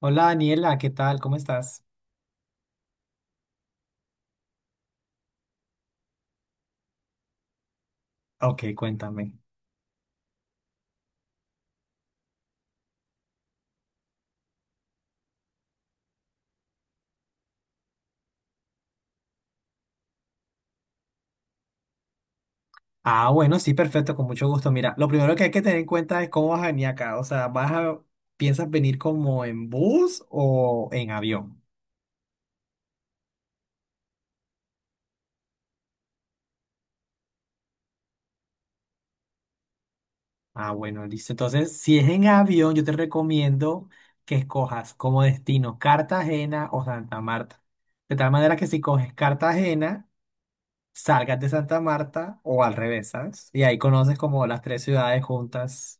Hola Daniela, ¿qué tal? ¿Cómo estás? Ok, cuéntame. Ah, bueno, sí, perfecto, con mucho gusto. Mira, lo primero que hay que tener en cuenta es cómo vas a venir acá. O sea, ¿piensas venir como en bus o en avión? Ah, bueno, listo. Entonces, si es en avión, yo te recomiendo que escojas como destino Cartagena o Santa Marta. De tal manera que si coges Cartagena, salgas de Santa Marta o al revés, ¿sabes? Y ahí conoces como las tres ciudades juntas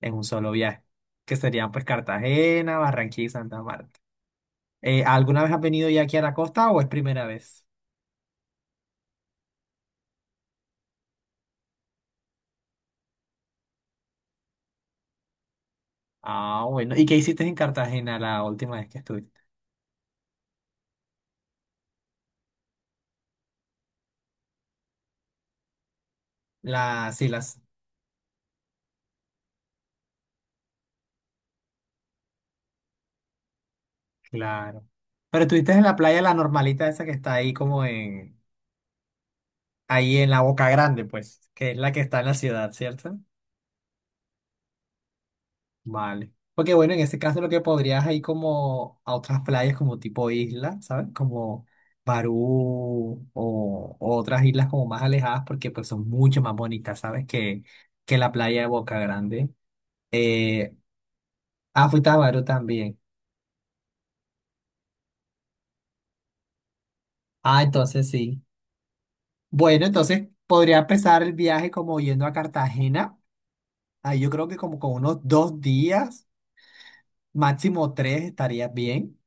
en un solo viaje, que serían pues Cartagena, Barranquilla y Santa Marta. ¿Alguna vez has venido ya aquí a la costa o es primera vez? Ah, bueno. ¿Y qué hiciste en Cartagena la última vez que estuviste? Las sí, las, claro. Pero estuviste en la playa, la normalita esa que está ahí ahí en la Boca Grande, pues, que es la que está en la ciudad, ¿cierto? Vale. Porque bueno, en ese caso lo que podrías ir como a otras playas como tipo isla, ¿sabes? Como Barú o otras islas como más alejadas porque pues son mucho más bonitas, ¿sabes? Que la playa de Boca Grande. Eh, ah, fuiste a Barú también. Ah, entonces sí. Bueno, entonces podría empezar el viaje como yendo a Cartagena. Ahí yo creo que como con unos 2 días, máximo tres estaría bien.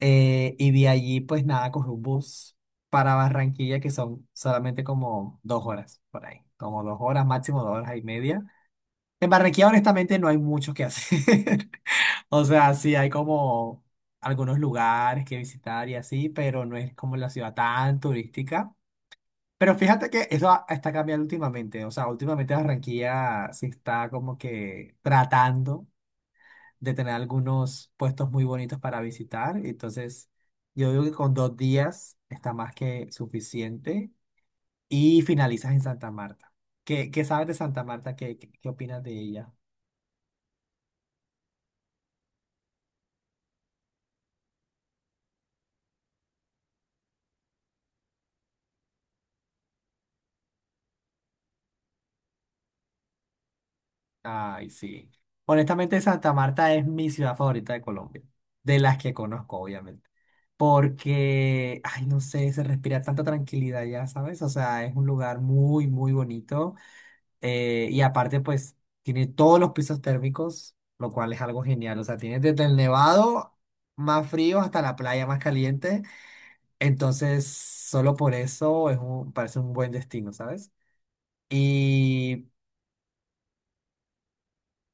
Y de allí, pues nada, cogí un bus para Barranquilla, que son solamente como 2 horas por ahí, como 2 horas, máximo 2 horas y media. En Barranquilla, honestamente, no hay mucho que hacer. O sea, sí hay como algunos lugares que visitar y así, pero no es como la ciudad tan turística. Pero fíjate que está cambiando últimamente. O sea, últimamente Barranquilla se está como que tratando de tener algunos puestos muy bonitos para visitar. Entonces, yo digo que con 2 días está más que suficiente y finalizas en Santa Marta. ¿Qué sabes de Santa Marta? ¿Qué opinas de ella? Ay, sí. Honestamente, Santa Marta es mi ciudad favorita de Colombia, de las que conozco, obviamente. Porque, ay, no sé, se respira tanta tranquilidad ya, ¿sabes? O sea, es un lugar muy, muy bonito. Y aparte, pues, tiene todos los pisos térmicos, lo cual es algo genial. O sea, tiene desde el nevado más frío hasta la playa más caliente. Entonces, solo por eso parece un buen destino, ¿sabes? Y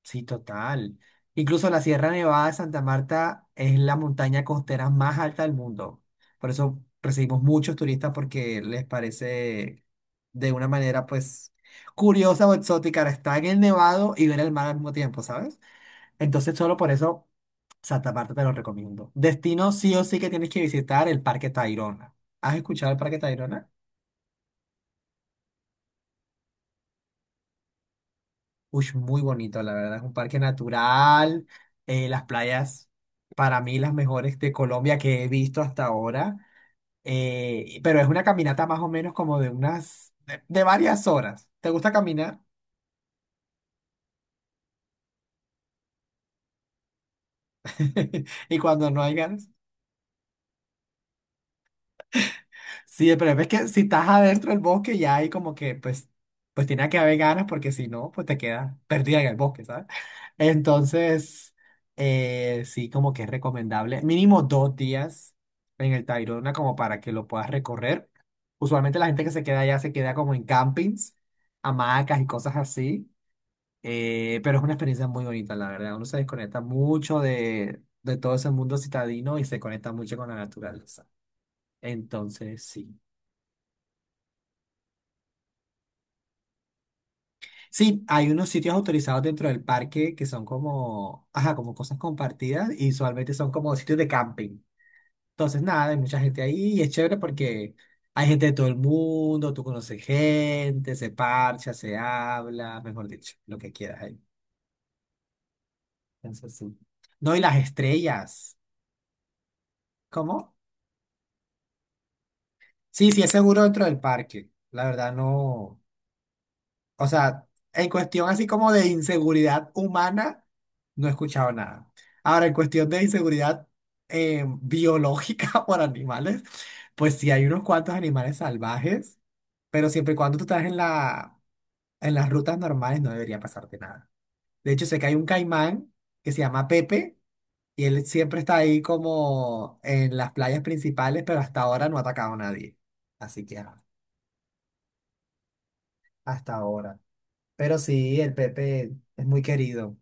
sí, total. Incluso la Sierra Nevada de Santa Marta es la montaña costera más alta del mundo. Por eso recibimos muchos turistas porque les parece de una manera, pues, curiosa o exótica estar en el nevado y ver el mar al mismo tiempo, ¿sabes? Entonces, solo por eso, Santa Marta te lo recomiendo. Destino sí o sí que tienes que visitar el Parque Tayrona. ¿Has escuchado el Parque Tayrona? Uy, muy bonito, la verdad. Es un parque natural. Las playas, para mí, las mejores de Colombia que he visto hasta ahora. Pero es una caminata más o menos como de unas, de varias horas. ¿Te gusta caminar? Y cuando no hay ganas. Sí, el problema es que si estás adentro del bosque ya hay como que, pues, pues tiene que haber ganas porque si no, pues te quedas perdida en el bosque, ¿sabes? Entonces, sí, como que es recomendable mínimo 2 días en el Tayrona como para que lo puedas recorrer. Usualmente la gente que se queda allá se queda como en campings, hamacas y cosas así, pero es una experiencia muy bonita, la verdad. Uno se desconecta mucho de todo ese mundo citadino y se conecta mucho con la naturaleza. Entonces, sí. Sí, hay unos sitios autorizados dentro del parque que son como, ajá, como cosas compartidas y usualmente son como sitios de camping. Entonces, nada, hay mucha gente ahí y es chévere porque hay gente de todo el mundo, tú conoces gente, se parcha, se habla, mejor dicho, lo que quieras ahí. Entonces, sí. No, y las estrellas. ¿Cómo? Sí, sí, es seguro dentro del parque. La verdad, no. O sea, en cuestión así como de inseguridad humana, no he escuchado nada. Ahora, en cuestión de inseguridad biológica por animales, pues sí hay unos cuantos animales salvajes, pero siempre y cuando tú estás en las rutas normales no debería pasarte nada. De hecho, sé que hay un caimán que se llama Pepe y él siempre está ahí como en las playas principales, pero hasta ahora no ha atacado a nadie. Así que ah, hasta ahora. Pero sí, el Pepe es muy querido.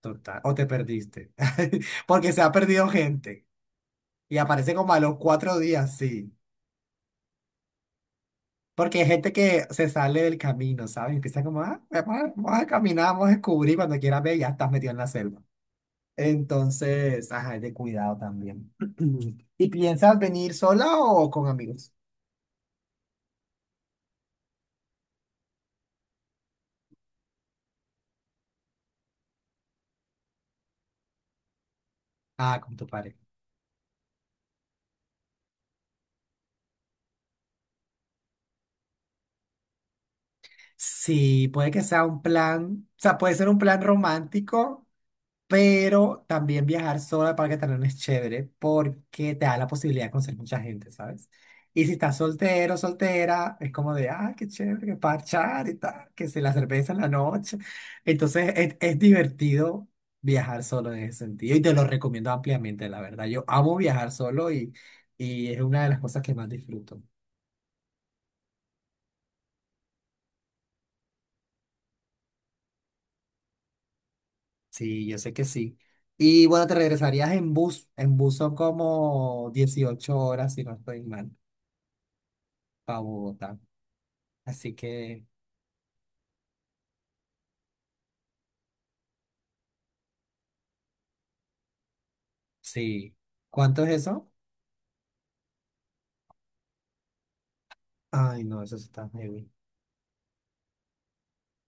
Total, o te perdiste. Porque se ha perdido gente y aparece como a los 4 días, sí. Porque hay gente que se sale del camino, ¿sabes? Empieza como, ah, vamos a caminar, vamos a descubrir, cuando quieras ver, ya estás metido en la selva. Entonces, ajá, es de cuidado también. ¿Y piensas venir sola o con amigos? Ah, con tu pareja. Sí, puede que sea un plan, o sea, puede ser un plan romántico. Pero también viajar sola al Parque Tayrona es chévere porque te da la posibilidad de conocer mucha gente, ¿sabes? Y si estás soltero, soltera, es como de, ah, qué chévere, que parchar y tal, que se la cerveza en la noche. Entonces es divertido viajar solo en ese sentido y te lo recomiendo ampliamente, la verdad. Yo amo viajar solo y es una de las cosas que más disfruto. Sí, yo sé que sí. Y bueno, te regresarías en bus. En bus son como 18 horas, si no estoy mal, para Bogotá. Así que, sí. ¿Cuánto es eso? Ay, no, eso está heavy.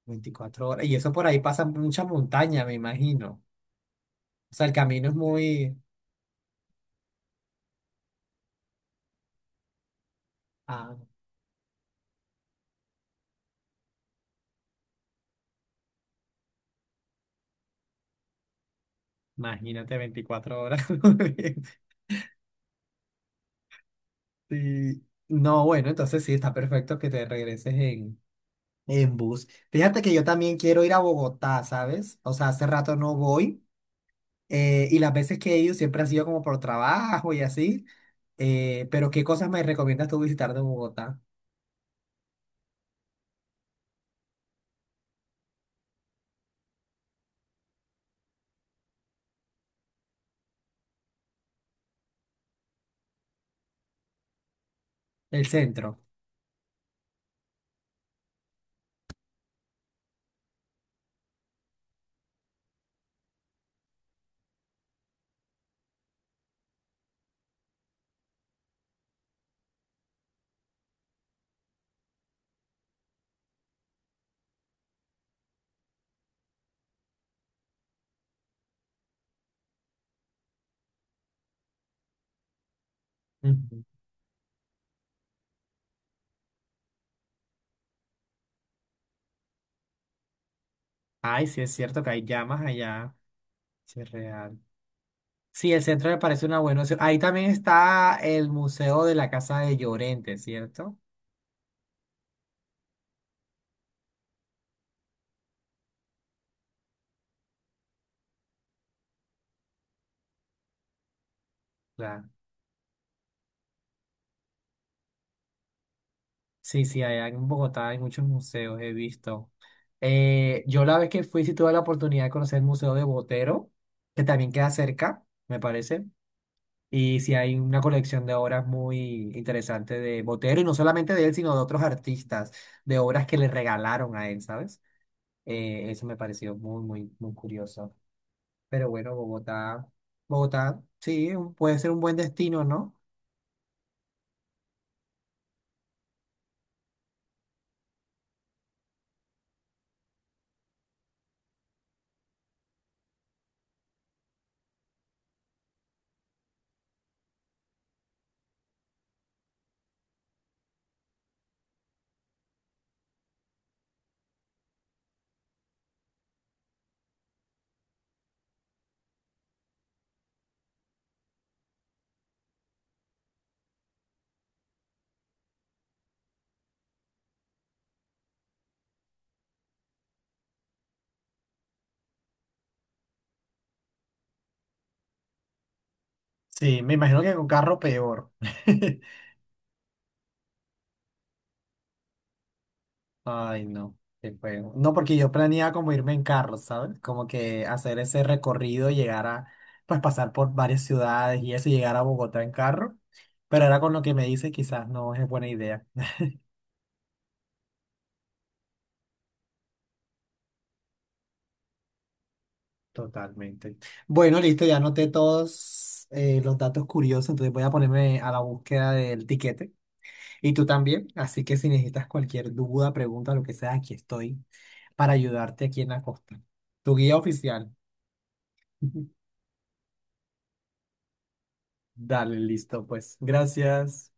24 horas. Y eso por ahí pasa mucha montaña, me imagino. O sea, el camino es muy... Ah, imagínate 24 horas. Sí. No, bueno, entonces sí, está perfecto que te regreses en bus. Fíjate que yo también quiero ir a Bogotá, ¿sabes? O sea, hace rato no voy. Y las veces que he ido siempre ha sido como por trabajo y así. Pero ¿qué cosas me recomiendas tú visitar de Bogotá? El centro. Ujú. Ay, sí es cierto que hay llamas allá. Sí, es real. Sí, el centro me parece una buena opción. Ahí también está el Museo de la Casa de Llorente, ¿cierto? Claro. Sí, sí, allá en Bogotá hay muchos museos, he visto. Yo la vez que fui sí tuve la oportunidad de conocer el Museo de Botero, que también queda cerca, me parece. Y sí hay una colección de obras muy interesante de Botero, y no solamente de él, sino de otros artistas, de obras que le regalaron a él, ¿sabes? Eso me pareció muy, muy, muy curioso. Pero bueno, Bogotá, sí, puede ser un buen destino, ¿no? Sí, me imagino que con carro peor. Ay, no, qué feo. No, porque yo planeaba como irme en carro, ¿sabes? Como que hacer ese recorrido, pues pasar por varias ciudades y eso, y llegar a Bogotá en carro. Pero ahora con lo que me dice, quizás no es buena idea. Totalmente. Bueno, listo, ya anoté todos los datos curiosos, entonces voy a ponerme a la búsqueda del tiquete. Y tú también, así que si necesitas cualquier duda, pregunta, lo que sea, aquí estoy para ayudarte aquí en la costa. Tu guía oficial. Dale, listo, pues. Gracias.